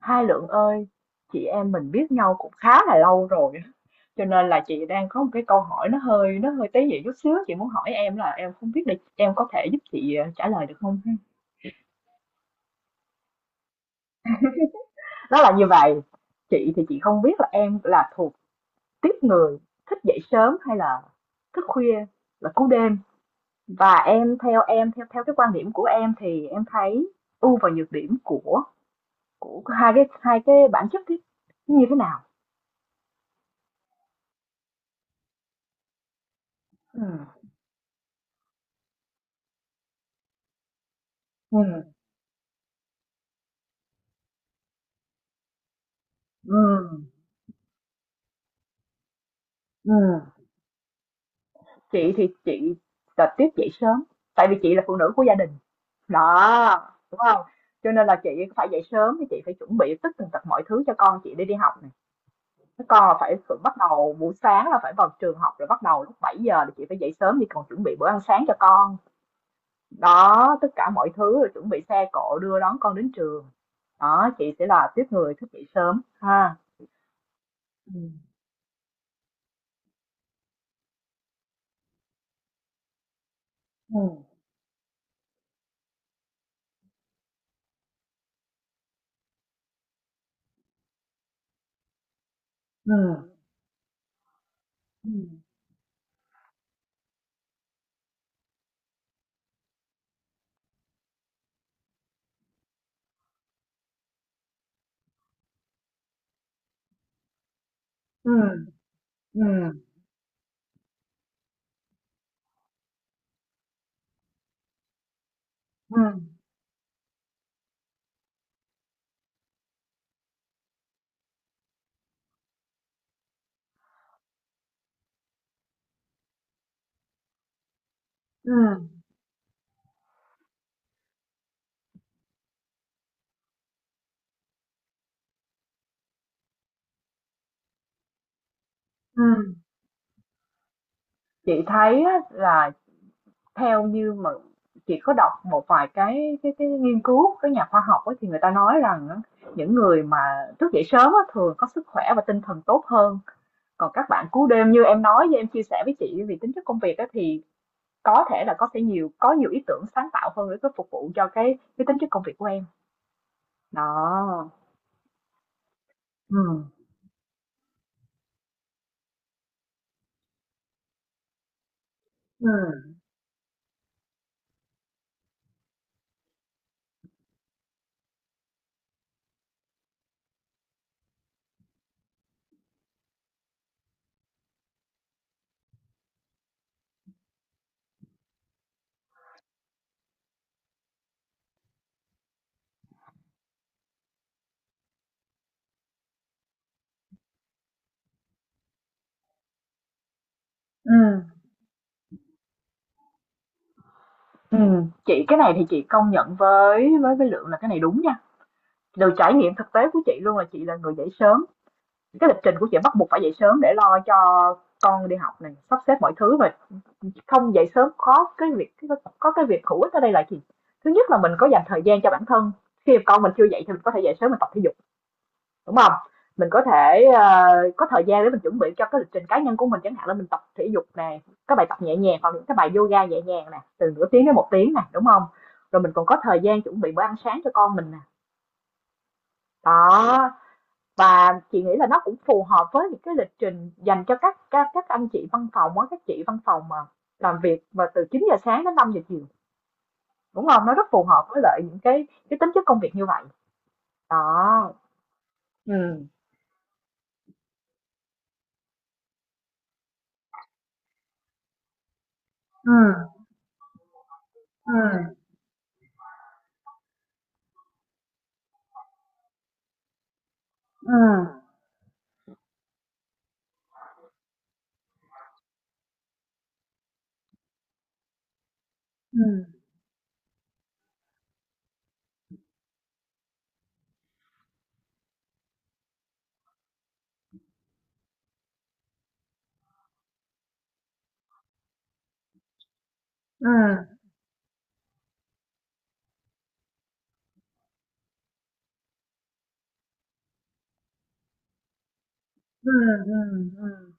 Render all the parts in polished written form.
Hai Lượng ơi, chị em mình biết nhau cũng khá là lâu rồi á, cho nên là chị đang có một cái câu hỏi nó hơi tế nhị chút xíu, chị muốn hỏi em là em không biết là em có thể giúp chị trả lời được không? Ha? Nó là như vậy, chị thì chị không biết là em là thuộc tiếp người thích dậy sớm hay là thức khuya là cú đêm, và em theo theo cái quan điểm của em thì em thấy ưu và nhược điểm của hai cái bản chất cái như thế nào? Ừ. Ừ. Ừ. Ừ. Chị thì chị là tiếp dậy sớm, tại vì chị là phụ nữ của gia đình, đó, đúng không? Cho nên là chị phải dậy sớm, thì chị phải chuẩn bị tất tần tật mọi thứ cho con chị đi đi học này. Các con là phải phải bắt đầu buổi sáng là phải vào trường học rồi bắt đầu lúc 7 giờ, thì chị phải dậy sớm đi còn chuẩn bị bữa ăn sáng cho con. Đó, tất cả mọi thứ rồi chuẩn bị xe cộ đưa đón con đến trường. Đó, chị sẽ là tiếp người thức dậy sớm ha. Ừ. Ừ. Ừ. Ừ. Ừ. Ừ. Ừ. Ừ. Chị thấy á, là theo như mà chị có đọc một vài cái nghiên cứu các nhà khoa học ấy, thì người ta nói rằng á, những người mà thức dậy sớm á, thường có sức khỏe và tinh thần tốt hơn, còn các bạn cú đêm như em nói, với em chia sẻ với chị vì tính chất công việc á, thì có thể là có nhiều ý tưởng sáng tạo hơn để có phục vụ cho cái tính chất công việc của em đó. Ừ. Ừ. Ừ. Ừ. Chị cái này thì chị công nhận với Lượng là cái này đúng nha, từ trải nghiệm thực tế của chị luôn là chị là người dậy sớm. Cái lịch trình của chị bắt buộc phải dậy sớm để lo cho con đi học này, sắp xếp mọi thứ, và không dậy sớm có cái việc hữu ích ở đây là gì? Thứ nhất là mình có dành thời gian cho bản thân. Khi con mình chưa dậy thì mình có thể dậy sớm mình tập thể dục, đúng không? Mình có thể có thời gian để mình chuẩn bị cho cái lịch trình cá nhân của mình, chẳng hạn là mình tập thể dục nè, các bài tập nhẹ nhàng hoặc những cái bài yoga nhẹ nhàng nè, từ nửa tiếng đến một tiếng nè, đúng không? Rồi mình còn có thời gian chuẩn bị bữa ăn sáng cho con mình nè. Đó, và chị nghĩ là nó cũng phù hợp với những cái lịch trình dành cho các anh chị văn phòng á, các chị văn phòng mà làm việc mà từ 9 giờ sáng đến 5 giờ chiều, đúng không, nó rất phù hợp với lại những cái tính chất công việc như vậy đó. Ừ. Ừ. Ừ. Ừ. Ừ. Ừ. Ừ. Ừ.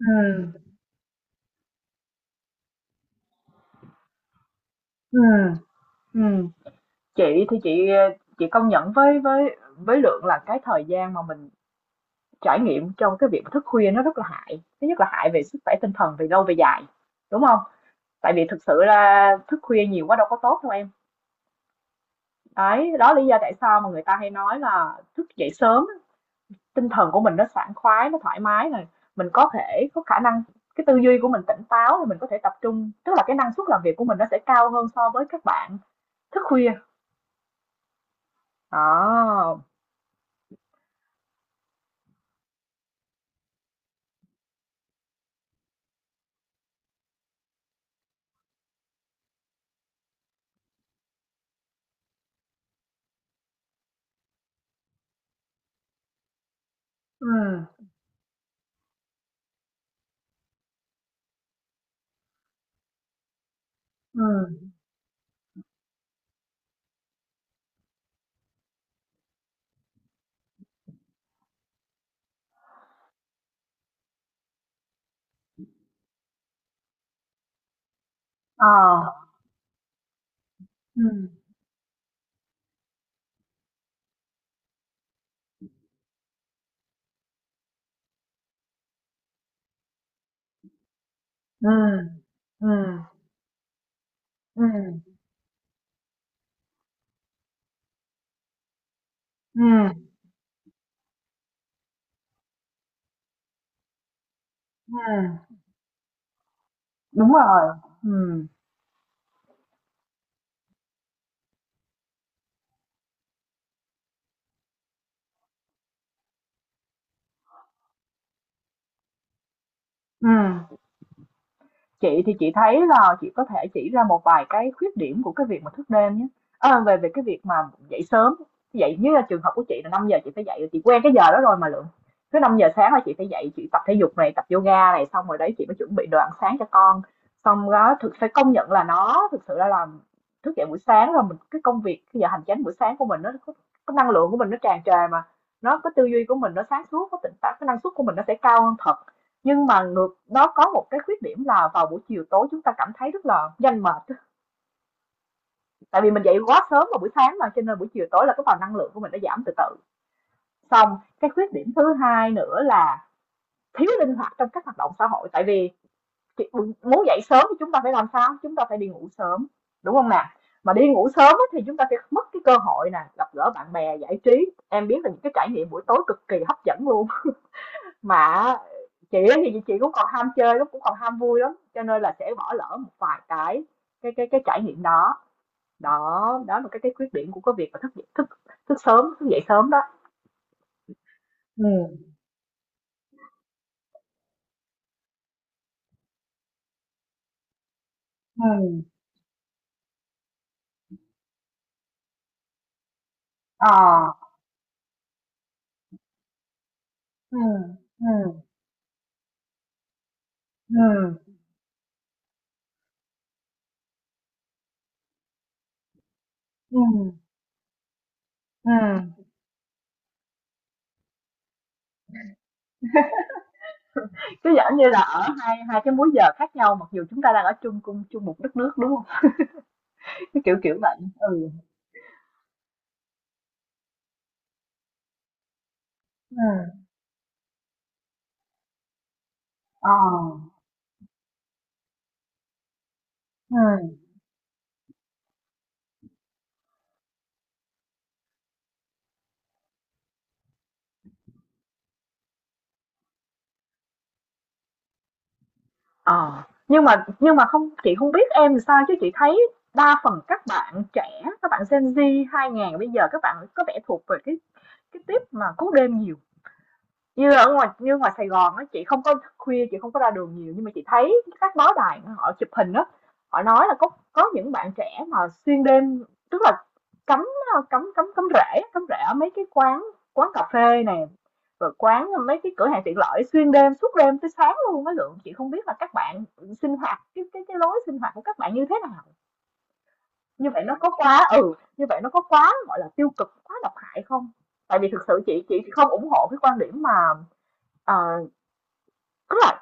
Ừ. Ừ. Ừ. Chị thì chị công nhận với Lượng là cái thời gian mà mình trải nghiệm trong cái việc thức khuya nó rất là hại, thứ nhất là hại về sức khỏe tinh thần về lâu về dài, đúng không? Tại vì thực sự là thức khuya nhiều quá đâu có tốt đâu em. Đấy, đó lý do tại sao mà người ta hay nói là thức dậy sớm tinh thần của mình nó sảng khoái, nó thoải mái này, mình có thể có khả năng cái tư duy của mình tỉnh táo, mình có thể tập trung, tức là cái năng suất làm việc của mình nó sẽ cao hơn so với các bạn thức khuya. Đó. Ừm. Ừm. Ờ. Ừm. Ừm. Ừm. Ừm. Ừm. Ừm. Đúng rồi. Ừm. Ừm. Chị thì chị thấy là chị có thể chỉ ra một vài cái khuyết điểm của cái việc mà thức đêm nhé. À, về về cái việc mà dậy sớm, dậy như là trường hợp của chị là 5 giờ chị phải dậy, chị quen cái giờ đó rồi mà Lượng. Cứ 5 giờ sáng là chị phải dậy, chị tập thể dục này, tập yoga này, xong rồi đấy chị mới chuẩn bị đồ ăn sáng cho con. Xong đó thực phải công nhận là nó thực sự là làm thức dậy buổi sáng là mình cái công việc cái giờ hành chánh buổi sáng của mình nó có, cái năng lượng của mình nó tràn trề mà, nó cái tư duy của mình nó sáng suốt, có tỉnh táo, cái năng suất của mình nó sẽ cao hơn thật. Nhưng mà ngược nó có một cái khuyết điểm là vào buổi chiều tối chúng ta cảm thấy rất là nhanh mệt. Tại vì mình dậy quá sớm vào buổi sáng mà cho nên buổi chiều tối là cái vào năng lượng của mình đã giảm từ từ. Xong, cái khuyết điểm thứ hai nữa là thiếu linh hoạt trong các hoạt động xã hội, tại vì muốn dậy sớm thì chúng ta phải làm sao? Chúng ta phải đi ngủ sớm, đúng không nè? Mà đi ngủ sớm thì chúng ta sẽ mất cái cơ hội nè, gặp gỡ bạn bè, giải trí. Em biết là những cái trải nghiệm buổi tối cực kỳ hấp dẫn luôn, mà chị á thì chị cũng còn ham chơi lắm, cũng còn ham vui lắm, cho nên là sẽ bỏ lỡ một vài cái trải nghiệm đó. Đó đó là cái khuyết điểm của cái việc mà thức thức thức sớm thức dậy sớm đó. Ừ. Ừ. Ờ. Ừ. Ừ. Ừ. Ừ. Ừ. Cứ giả như là ở hai hai cái múi giờ khác nhau, mặc dù chúng ta đang ở cùng chung một đất nước, đúng không, cái kiểu kiểu vậy. Ừ. Ừ. Ờ. Ừ. Ờ, nhưng mà không chị không biết em làm sao chứ chị thấy đa phần các bạn trẻ, các bạn Gen Z 2000 bây giờ, các bạn có vẻ thuộc về cái tiếp mà cú đêm nhiều, như ở ngoài như ngoài Sài Gòn á, chị không có ra đường nhiều, nhưng mà chị thấy các báo đài họ chụp hình á, họ nói là có những bạn trẻ mà xuyên đêm, tức là cắm cắm cắm cắm rễ ở mấy cái quán quán cà phê này, rồi quán mấy cái cửa hàng tiện lợi xuyên đêm, suốt đêm tới sáng luôn. Mấy Lượng, chị không biết là các bạn sinh hoạt cái lối sinh hoạt của các bạn như thế nào, như vậy nó có quá gọi là tiêu cực, quá độc hại không? Tại vì thực sự chị không ủng hộ cái quan điểm mà ờ, tức là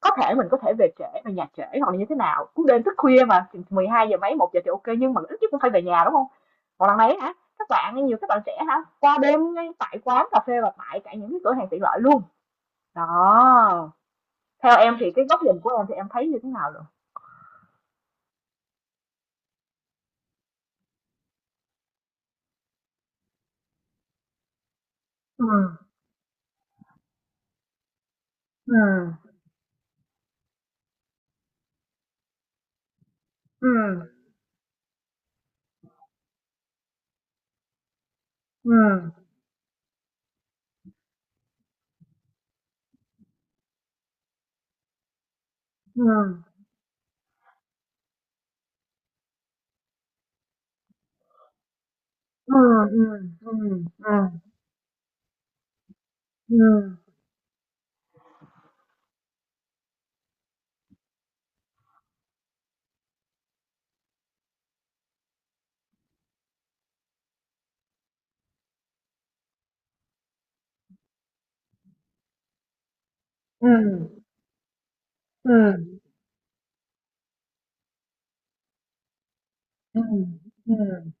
có thể mình có thể về trễ, về nhà trễ hoặc là như thế nào, cũng đêm thức khuya mà, 12 giờ mấy, 1 giờ thì ok, nhưng mà ít nhất cũng phải về nhà, đúng không? Còn lần này hả, các bạn nhiều, các bạn trẻ hả, qua đêm ngay tại quán cà phê và tại cả những cái cửa hàng tiện lợi luôn. Đó, theo em thì cái góc nhìn của em thì em thấy như thế nào rồi? Ừm. Ừm. Ừm. Ừm. Ừm. Ừm. Ừm. Ừm. Ừm. Ừm. Ừm. Ừm. Ừm. Ừm.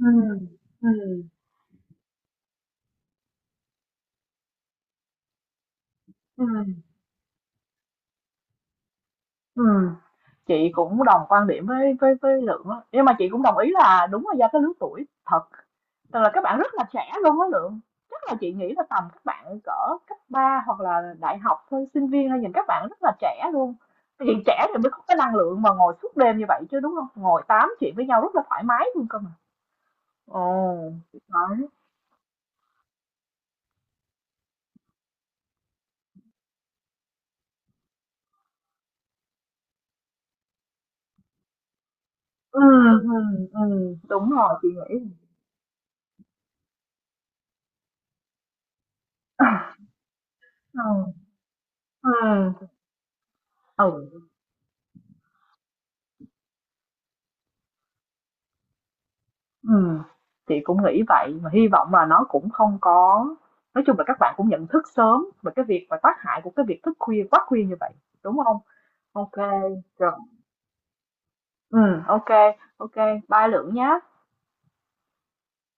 Ừm. Ừm. Ừm. Ừm. Chị cũng đồng quan điểm với Lượng á, nhưng mà chị cũng đồng ý là đúng là do cái lứa tuổi thật, tức là các bạn rất là trẻ luôn á Lượng. Chắc là chị nghĩ là tầm các bạn cỡ cấp 3 hoặc là đại học thôi, sinh viên thôi, nhìn các bạn rất là trẻ luôn. Vì trẻ thì mới có cái năng lượng mà ngồi suốt đêm như vậy chứ, đúng không? Ngồi tám chuyện với nhau rất là thoải mái luôn cơ mà. Ồ, đấy. Ừ, ừ, ừ, đúng rồi, chị nghĩ. Ừ. Ừ. Ừ. Ừ chị cũng nghĩ vậy, mà hy vọng là nó cũng không có, nói chung là các bạn cũng nhận thức sớm về cái việc và tác hại của cái việc thức khuya quá khuya như vậy, đúng không? Ok kê. Rồi. Ừm. Ok kê, bye Lượng nhá.